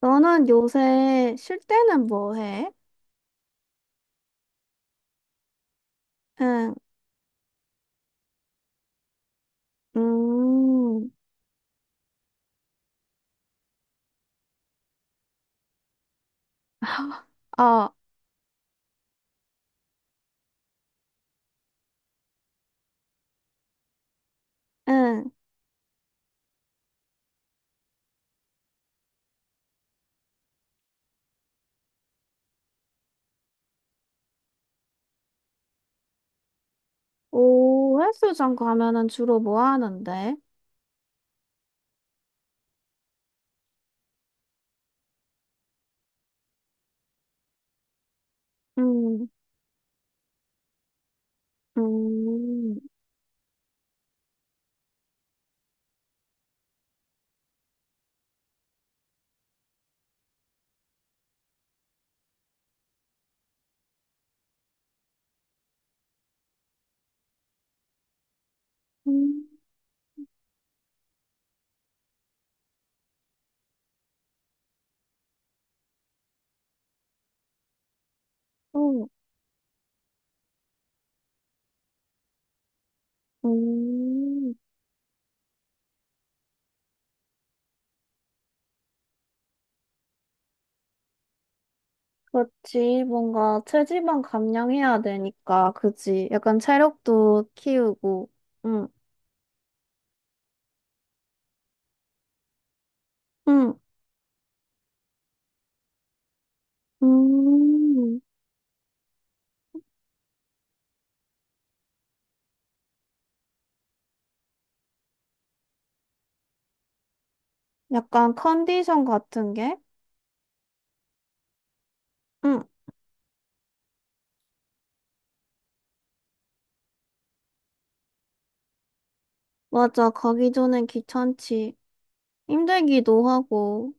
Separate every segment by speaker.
Speaker 1: 너는 요새 쉴 때는 뭐 해? 응, 음, 어, 응. 오, 헬스장 가면은 주로 뭐 하는데? 음, 음, 음, 음, 음. 그렇지. 뭔가 체지방 감량해야 되니까, 그지? 약간 체력도 키우고, 응, 응, 음. 약간 컨디션 같은 게? 응, 맞아. 가기 전엔 귀찮지. 힘들기도 하고,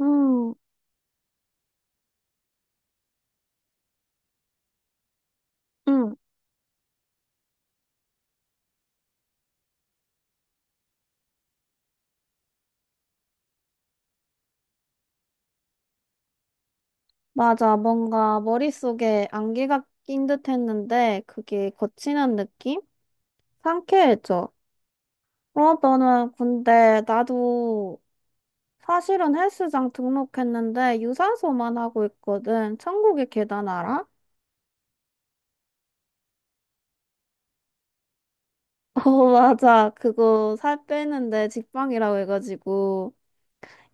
Speaker 1: 음, 음, 맞아. 뭔가 머릿속에 안개가 낀 듯 했는데 그게 거친한 느낌? 상쾌해져. 어, 너는 근데 나도 사실은 헬스장 등록했는데 유산소만 하고 있거든. 천국의 계단 알아? 어, 맞아. 그거 살 빼는데 직방이라고 해가지고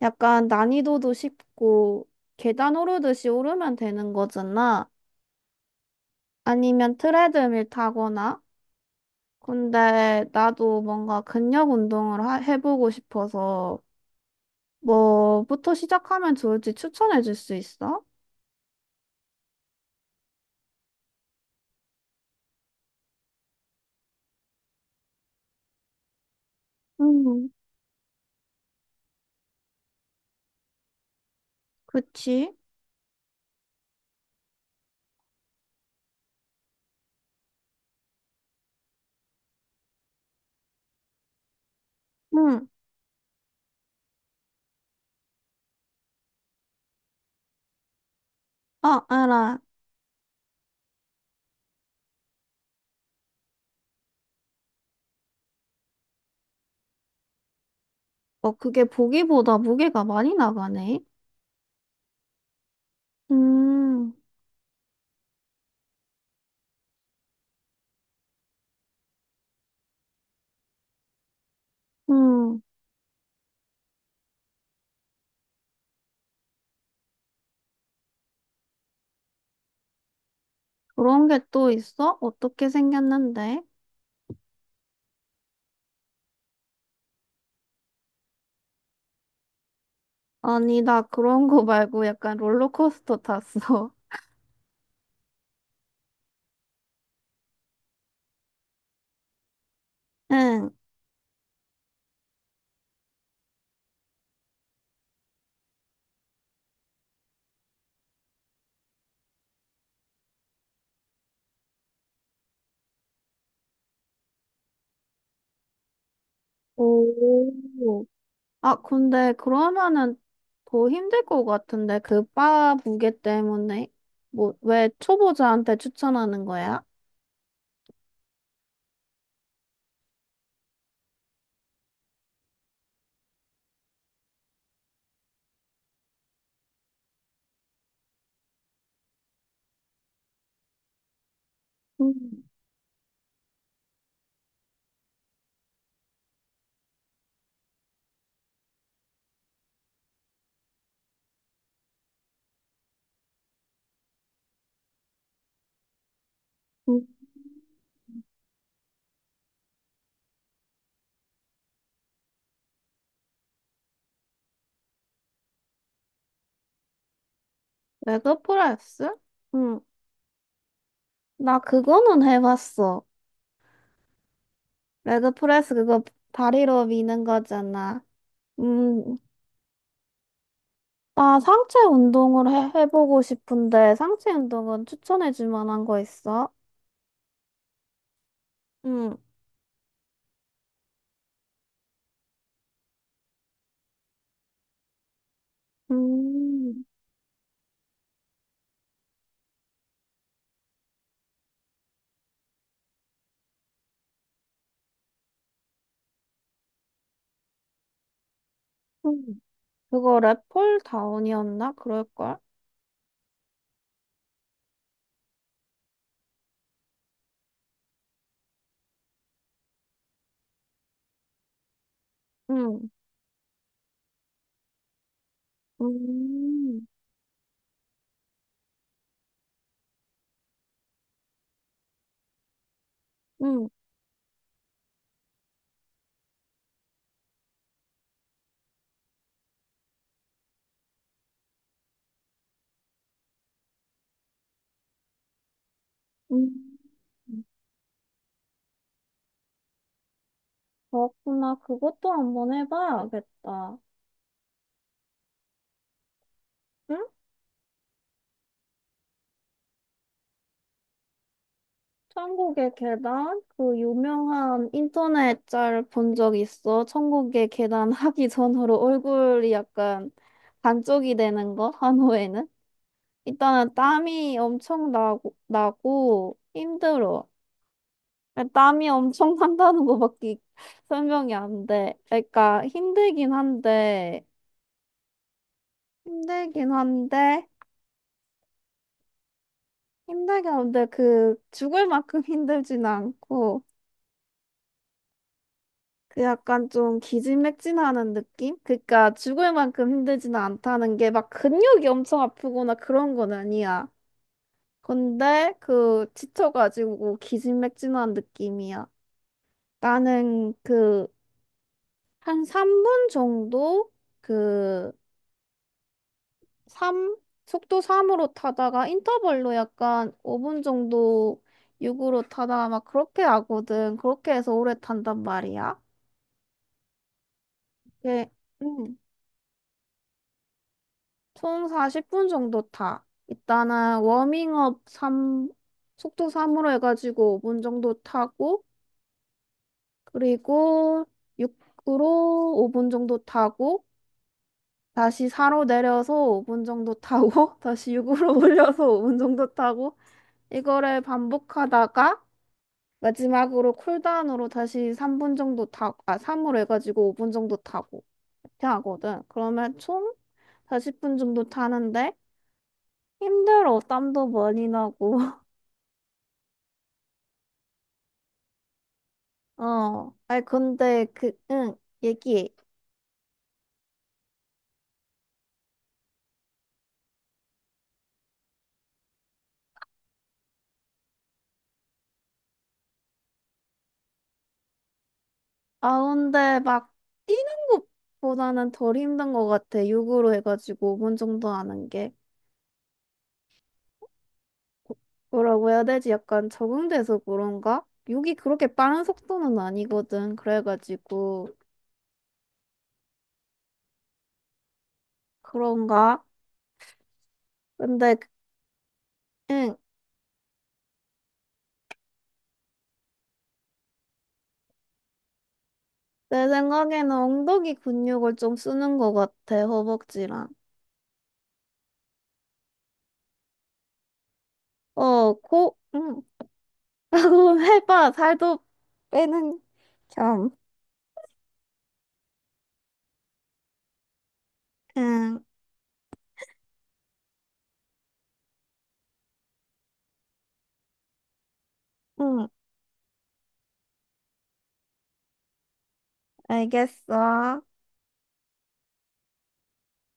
Speaker 1: 약간 난이도도 쉽고 계단 오르듯이 오르면 되는 거잖아. 아니면 트레드밀 타거나 근데 나도 뭔가 근력 운동을 해보고 싶어서 뭐부터 시작하면 좋을지 추천해 줄 수 있어? 음, 그치? 응. 아, 알아. 어, 그게 보기보다 무게가 많이 나가네. 음, 음, 그런 게 또 있어? 어떻게 생겼는데? 아니, 나 그런 거 말고 약간 롤러코스터 탔어. 응. 오. 아, 근데 그러면은 더 힘들 것 같은데 그 바 무게 때문에 뭐 왜 초보자한테 추천하는 거야? 음, 음. 레그 프레스? 응, 나 그거는 해봤어. 레그 프레스 그거 다리로 미는 거잖아. 음, 나 상체 운동을 해보고 싶은데 상체 운동은 추천해줄 만한 거 있어? 응, 음, 음. 그거 랩폴 다운이었나? 그럴걸? 응. 음, 음, 음. 그렇구나. 그것도 한번 해봐야겠다. 응? 천국의 계단? 그 유명한 인터넷 짤 본 적 있어? 천국의 계단 하기 전으로 얼굴이 약간 반쪽이 되는 거? 한호에는? 일단은 땀이 엄청 나고 힘들어. 땀이 엄청 난다는 거밖에 설명이 안 돼. 그러니까 힘들긴 한데, 힘들게 하는데 그 죽을 만큼 힘들진 않고 그 약간 좀 기진맥진하는 느낌? 그러니까 죽을 만큼 힘들지는 않다는 게 막 근육이 엄청 아프거나 그런 건 아니야. 근데 그 지쳐가지고 기진맥진한 느낌이야. 나는 그 한 3분 정도 그 삼 속도 3으로 타다가 인터벌로 약간 5분 정도 6으로 타다가 막 그렇게 하거든. 그렇게 해서 오래 탄단 말이야. 네, 음, 총 40분 정도 타. 일단은 워밍업 삼 속도 3으로 해가지고 5분 정도 타고, 그리고 6으로 5분 정도 타고, 다시 4로 내려서 5분 정도 타고, 다시 6으로 올려서 5분 정도 타고, 이거를 반복하다가, 마지막으로 쿨다운으로 다시 3분 정도 타고, 아, 3으로 해가지고 5분 정도 타고, 이렇게 하거든. 그러면 총 40분 정도 타는데, 힘들어, 땀도 많이 나고. 어. 아니, 근데 그, 응, 얘기해. 아, 근데 막 뛰는 것보다는 덜 힘든 것 같아. 육으로 해가지고 5분 정도 하는 게. 뭐라고 해야 되지? 약간 적응돼서 그런가? 육이 그렇게 빠른 속도는 아니거든. 그래가지고. 그런가? 근데, 그- 응, 내 생각에는 엉덩이 근육을 좀 쓰는 것 같아. 허벅지랑. 어, 코, 응, 하고 해봐. 살도 빼는 겸. 응, 응, 알겠어.